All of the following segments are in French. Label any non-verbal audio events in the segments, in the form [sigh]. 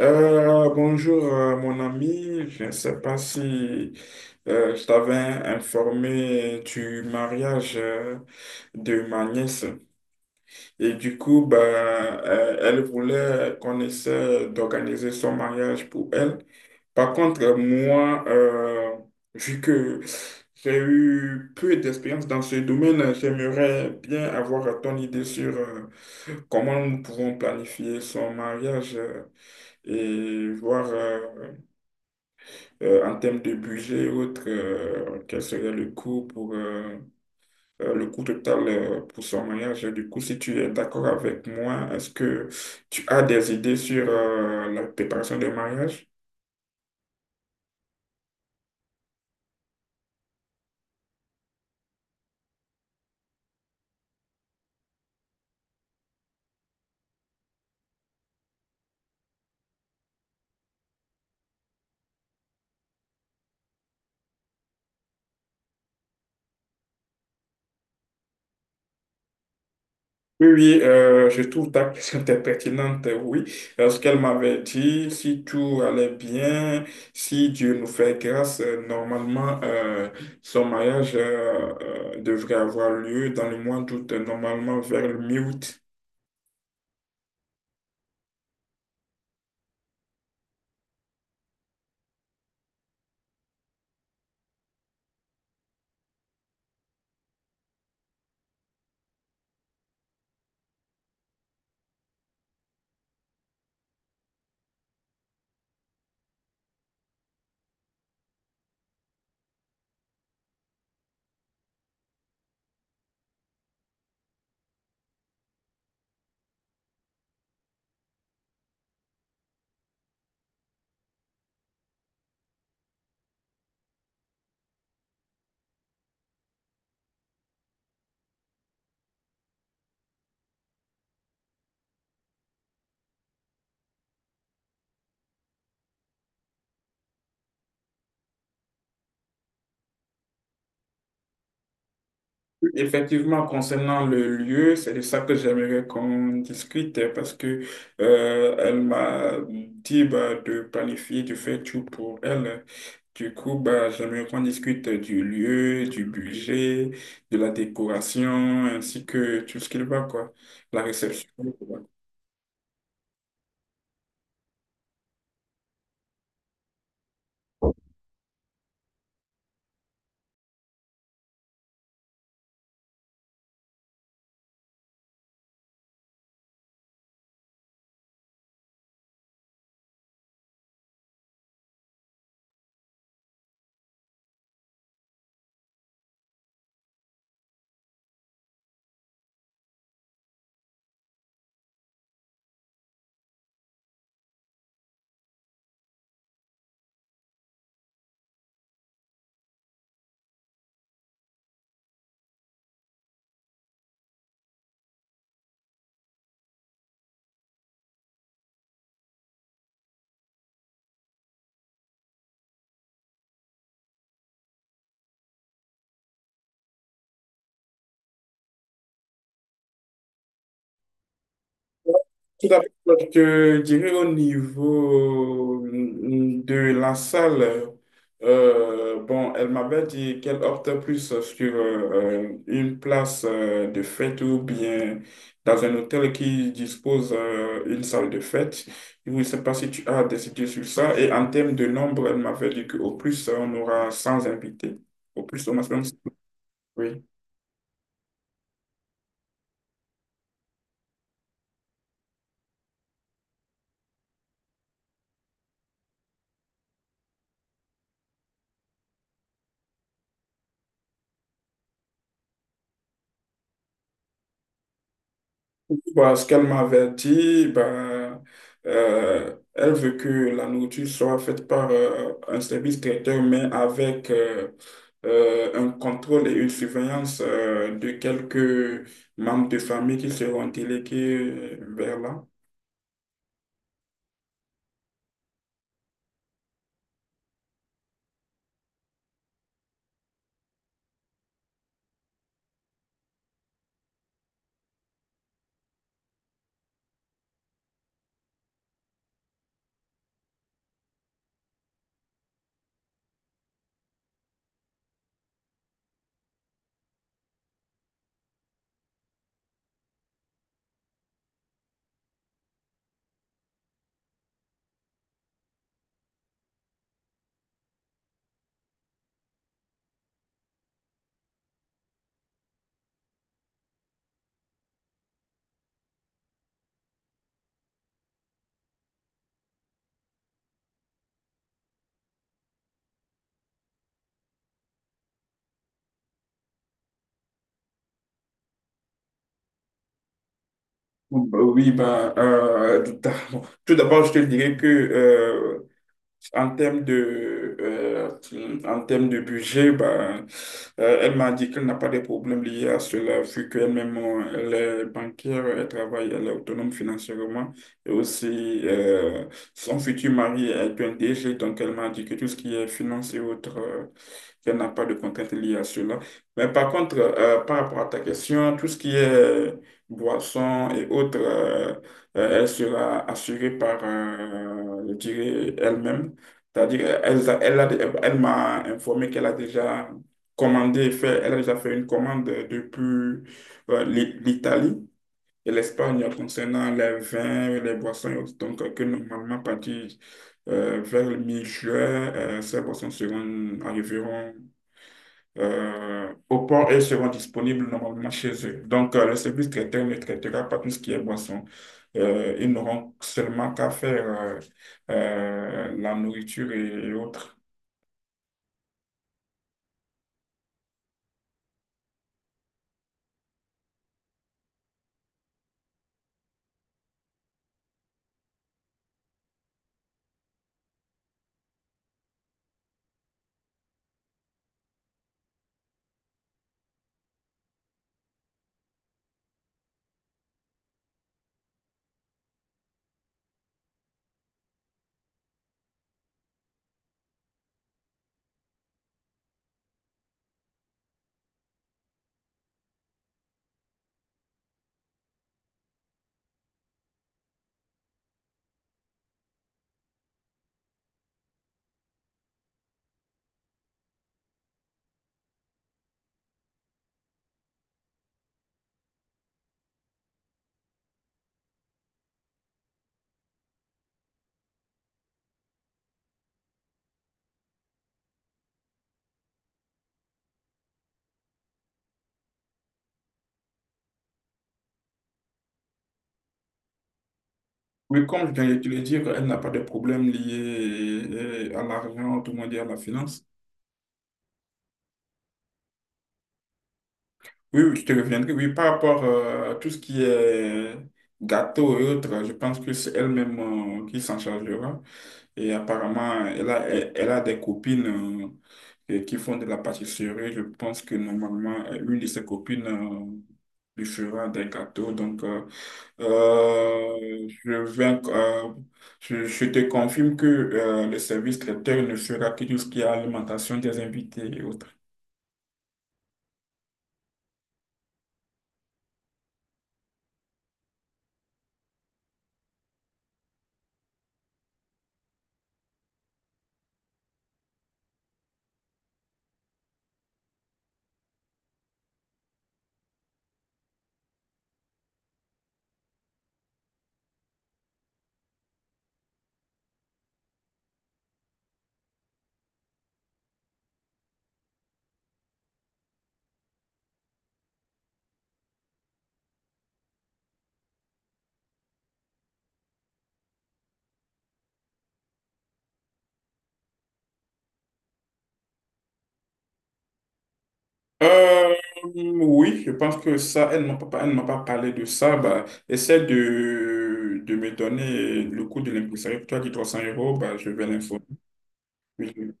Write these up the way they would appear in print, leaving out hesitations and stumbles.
Bonjour, mon ami. Je ne sais pas si je t'avais informé du mariage de ma nièce. Et du coup, bah, elle voulait qu'on essaie d'organiser son mariage pour elle. Par contre, moi, vu que j'ai eu peu d'expérience dans ce domaine, j'aimerais bien avoir ton idée sur, comment nous pouvons planifier son mariage. Et voir, en termes de budget et autres, quel serait le coût pour, le coût total pour son mariage. Et du coup, si tu es d'accord avec moi, est-ce que tu as des idées sur, la préparation de mariage? Oui, oui, je trouve ta question très pertinente, oui. Ce qu'elle m'avait dit, si tout allait bien, si Dieu nous fait grâce, normalement, son mariage devrait avoir lieu dans le mois d'août, normalement vers le mi-août. Effectivement, concernant le lieu, c'est de ça que j'aimerais qu'on discute, parce que elle m'a dit bah, de planifier, de faire tout pour elle. Du coup, bah, j'aimerais qu'on discute du lieu, du budget, de la décoration, ainsi que tout ce qu'il va, quoi. La réception. Tout d'abord, je dirais au niveau, de la salle, bon, elle m'avait dit qu'elle opte plus sur, une place, de fête ou bien dans un hôtel qui dispose une salle de fête. Je ne sais pas si tu as des idées sur ça. Et en termes de nombre, elle m'avait dit qu'au plus, on aura 100 invités. Au plus, au maximum, oui. Bah, ce qu'elle m'avait dit, bah, elle veut que la nourriture soit faite par, un service traiteur, mais avec, un contrôle et une surveillance de quelques membres de famille qui seront délégués vers là. Bon, bah oui, bah, [laughs] tout d'abord, je te dirais que, en termes de, en termes de budget, ben, elle m'a dit qu'elle n'a pas de problème lié à cela, vu qu'elle-même, elle est banquière, elle travaille, elle est autonome financièrement. Et aussi, son futur mari est un DG, donc elle m'a dit que tout ce qui est finance et autres, qu'elle n'a pas de contraintes liées à cela. Mais par contre, par rapport à ta question, tout ce qui est boissons et autres, elle sera assurée par, je dirais, elle-même. C'est-à-dire, elle m'a informé qu'elle a déjà commandé, fait, elle a déjà fait une commande depuis, l'Italie et l'Espagne concernant les vins, les boissons et autres. Donc, que normalement, à partir, vers le mi-juin, ces boissons seront, arriveront au port et seront disponibles normalement chez eux. Donc, le service traiteur ne traitera pas tout ce qui est boisson. Ils n'auront seulement qu'à faire, la nourriture et autres. Oui, comme je viens de te le dire, elle n'a pas de problème lié, à l'argent, tout le monde dit à la finance. Oui, oui, je te reviendrai. Oui, par rapport, à tout ce qui est gâteau et autres, je pense que c'est elle-même qui s'en chargera. Et apparemment, elle a des copines et qui font de la pâtisserie. Je pense que normalement, une de ses copines lui fera des gâteaux. Donc, je vais, je te confirme que, le service traiteur ne fera que tout ce qui est alimentation des invités et autres. Euh, oui, je pense que ça, elle ne m'a pas parlé de ça. Bah, essaie de me donner le coût de l'impresario. Tu as dit 300 euros, bah, je vais l'informer. Oui.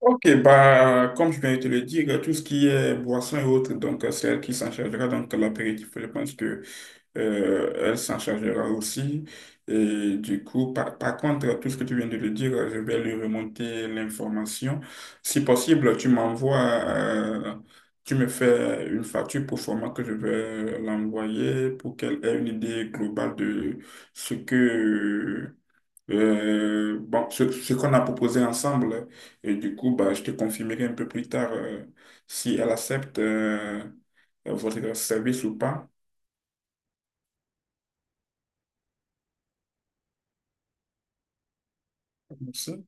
Ok, bah, comme je viens de te le dire, tout ce qui est boisson et autres, donc c'est elle qui s'en chargera. Donc l'apéritif, je pense que, elle s'en chargera aussi. Et du coup, par, par contre, tout ce que tu viens de le dire, je vais lui remonter l'information. Si possible, tu m'envoies, tu me fais une facture pour format que je vais l'envoyer pour qu'elle ait une idée globale de ce que bon, ce qu'on a proposé ensemble, et du coup, bah, je te confirmerai un peu plus tard, si elle accepte, votre service ou pas. Merci.